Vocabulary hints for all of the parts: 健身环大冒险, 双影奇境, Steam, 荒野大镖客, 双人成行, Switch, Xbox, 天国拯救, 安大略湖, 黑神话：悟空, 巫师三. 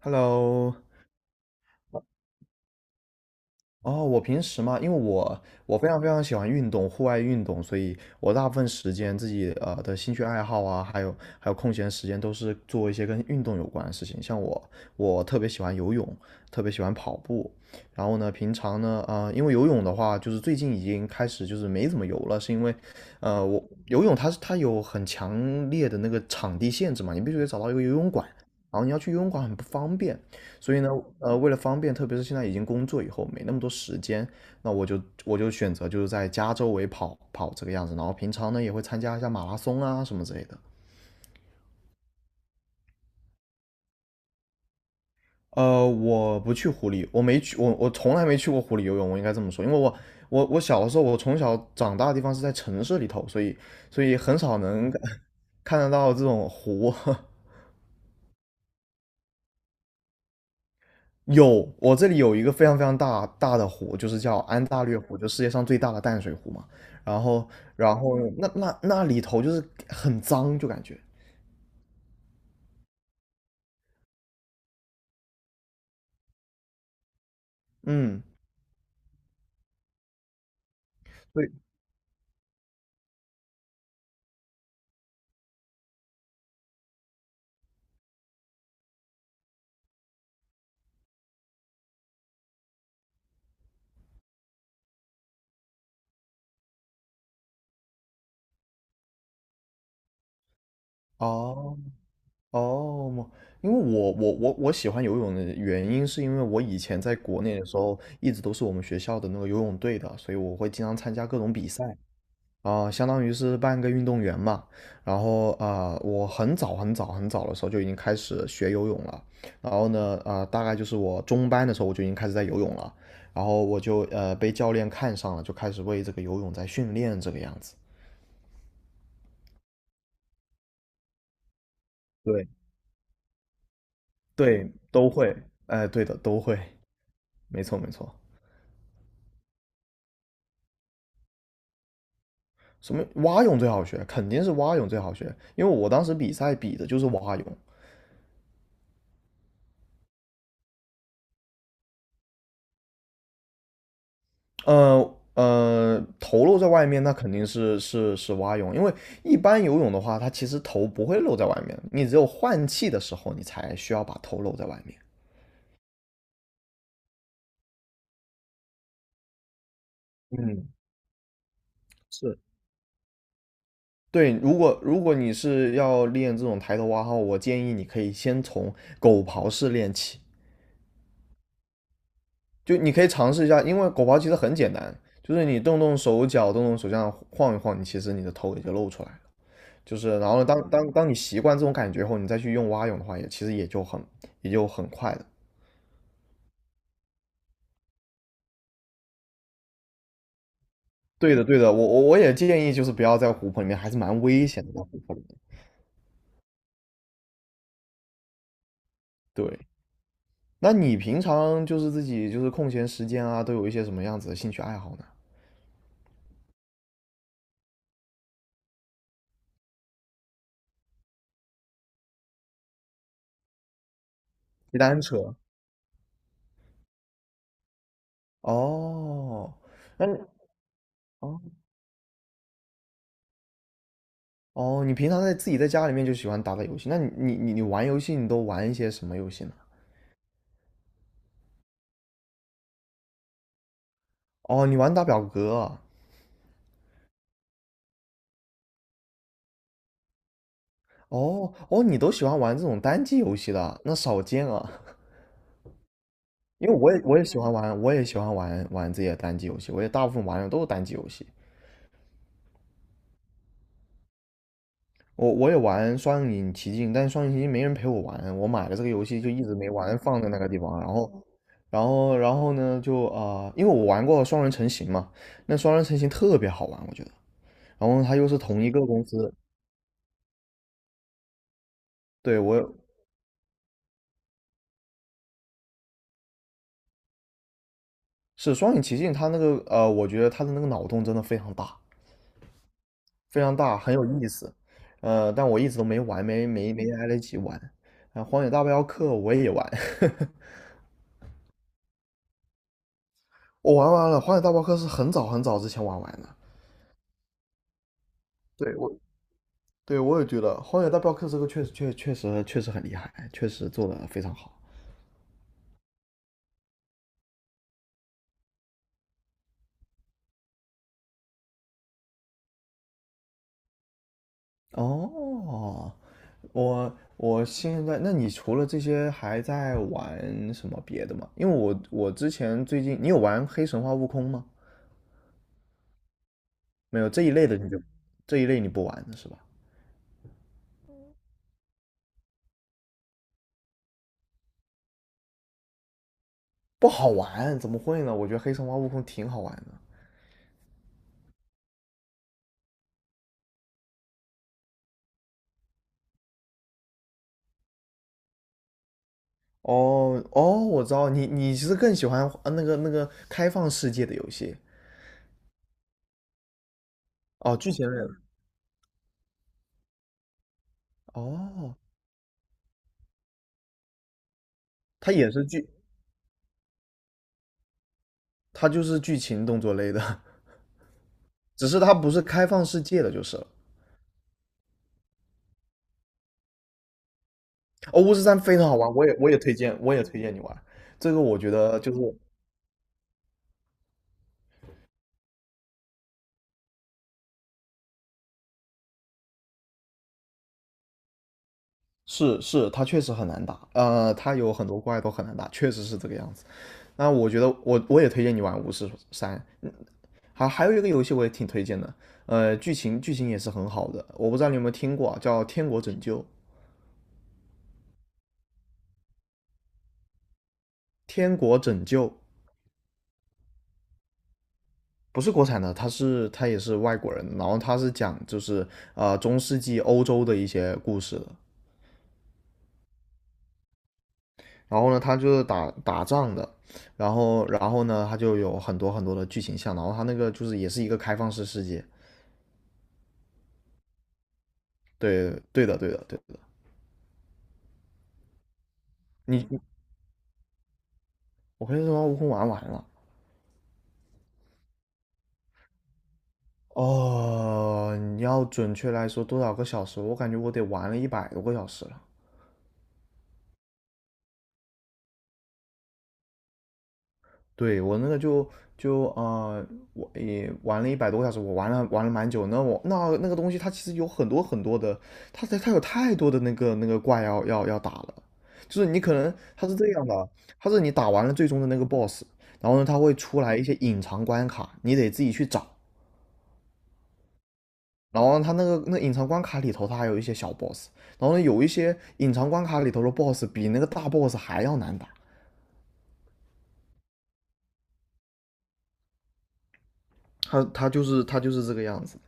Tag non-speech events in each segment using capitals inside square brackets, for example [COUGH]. Hello。哦，我平时嘛，因为我非常非常喜欢运动，户外运动，所以我大部分时间自己的兴趣爱好啊，还有还有空闲时间都是做一些跟运动有关的事情。像我，我特别喜欢游泳，特别喜欢跑步。然后呢，平常呢，因为游泳的话，就是最近已经开始就是没怎么游了，是因为,我游泳它有很强烈的那个场地限制嘛，你必须得找到一个游泳馆。然后你要去游泳馆很不方便，所以呢，为了方便，特别是现在已经工作以后没那么多时间，那我就选择就是在家周围跑跑这个样子，然后平常呢也会参加一下马拉松啊什么之类的。我不去湖里，我没去，我从来没去过湖里游泳，我应该这么说，因为我小的时候，我从小长大的地方是在城市里头，所以所以很少能 [LAUGHS] 看得到这种湖。[LAUGHS] 有，我这里有一个非常非常大大的湖，就是叫安大略湖，就世界上最大的淡水湖嘛。然后，然后那里头就是很脏，就感觉，嗯，对，哦哦，因为我喜欢游泳的原因，是因为我以前在国内的时候，一直都是我们学校的那个游泳队的，所以我会经常参加各种比赛。相当于是半个运动员嘛。然后我很早很早很早的时候就已经开始学游泳了。然后呢，大概就是我中班的时候我就已经开始在游泳了。然后我就被教练看上了，就开始为这个游泳在训练这个样子。对对，都会，哎，对的，都会，没错没错。什么蛙泳最好学，肯定是蛙泳最好学，因为我当时比赛比的就是蛙泳。头露在外面，那肯定是蛙泳，因为一般游泳的话，它其实头不会露在外面，你只有换气的时候，你才需要把头露在外面。嗯，是，对，如果你是要练这种抬头蛙号，我建议你可以先从狗刨式练起，就你可以尝试一下，因为狗刨其实很简单，就是你动动手脚，动动手这样晃一晃，你其实你的头也就露出来了。就是然后呢当你习惯这种感觉后，你再去用蛙泳的话，也其实也就很也就很快的。对的，对的，我也建议就是不要在湖泊里面，还是蛮危险的，在湖泊里面。对，那你平常就是自己就是空闲时间啊，都有一些什么样子的兴趣爱好呢？骑单车。哦，那你哦哦，你平常在自己在家里面就喜欢打打游戏，那你玩游戏你都玩一些什么游戏呢？哦，你玩打表格啊哦，你都喜欢玩这种单机游戏的啊，那少见啊。因为我也喜欢玩，我也喜欢玩玩自己的单机游戏，我也大部分玩的都是单机游戏。我也玩《双影奇境》，但是《双影奇境》没人陪我玩，我买了这个游戏就一直没玩，放在那个地方。然后，然后，然后呢，就因为我玩过双人成行嘛，那双人成行特别好玩，我觉得。然后它又是同一个公司，对我是《双影奇境》，它那个我觉得它的那个脑洞真的非常大，非常大，很有意思。但我一直都没玩，没来得及玩。啊，《荒野大镖客》我也玩，[LAUGHS] 我玩完了，《荒野大镖客》是很早很早之前玩完的。对，我对我也觉得《荒野大镖客》这个确实很厉害，确实做得非常好。哦，我我现在，那你除了这些还在玩什么别的吗？因为我之前最近，你有玩《黑神话：悟空》吗？没有，这一类的你就这一类你不玩的是吧？不好玩，怎么会呢？我觉得黑神话悟空挺好玩的。哦哦，我知道你其实更喜欢那个开放世界的游戏哦，剧情类的哦，它也是剧，它就是剧情动作类的，[LAUGHS] 只是它不是开放世界的，就是了。哦，巫师三非常好玩，我也推荐，我也推荐你玩。这个我觉得就是是，它确实很难打，它有很多怪都很难打，确实是这个样子。那我觉得我也推荐你玩巫师三，好，还有一个游戏我也挺推荐的，剧情剧情也是很好的，我不知道你有没有听过啊，叫《天国拯救》。《天国拯救》不是国产的，它也是外国人的然后它是讲就是中世纪欧洲的一些故事的。然后呢，它就是打打仗的，然后然后呢，它就有很多很多的剧情项，然后它那个就是也是一个开放式世界。对对的对的对的，你我跟你说，悟空玩完了，哦，你要准确来说多少个小时？我感觉我得玩了一百多个小时了。对，我那个就就呃，我也玩了一百多个小时，我玩了玩了蛮久。那那个东西它其实有很多很多的，它有太多的那个怪要打了。就是你可能它是这样的，它是你打完了最终的那个 boss,然后呢，它会出来一些隐藏关卡，你得自己去找。然后它那个那隐藏关卡里头，它还有一些小 boss,然后呢有一些隐藏关卡里头的 boss 比那个大 boss 还要难打，它就是这个样子。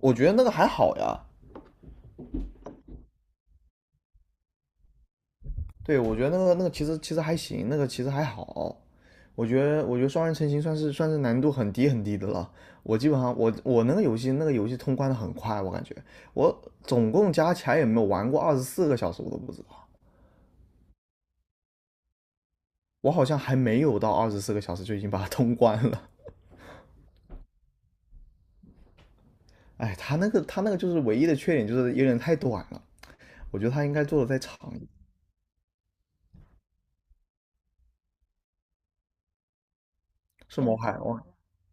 我觉得那个还好呀，对我觉得那个其实其实还行，那个其实还好。我觉得双人成行算是难度很低很低的了。我基本上我那个游戏那个游戏通关的很快，我感觉我总共加起来也没有玩过二十四个小时，我都不知道。我好像还没有到二十四个小时就已经把它通关了。哎，他那个就是唯一的缺点就是有点太短了，我觉得他应该做的再长一点。是吗？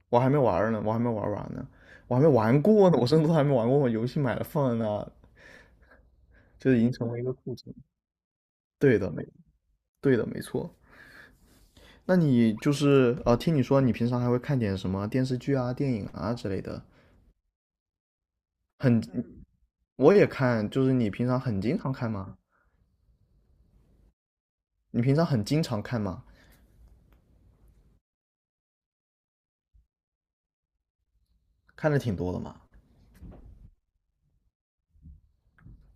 我还没玩儿呢，我还没玩儿完呢，我还没玩过呢，我甚至都还没玩过。我游戏买了放在那，就是已经成为一个库存。对的，没对的，没错。那你就是听你说你平常还会看点什么电视剧啊、电影啊之类的，很我也看，就是你平常很经常看吗？你平常很经常看吗？看的挺多的嘛。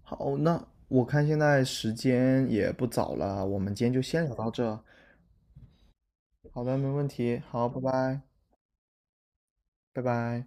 好，那我看现在时间也不早了啊，我们今天就先聊到这。好的，没问题。好，拜拜，拜拜。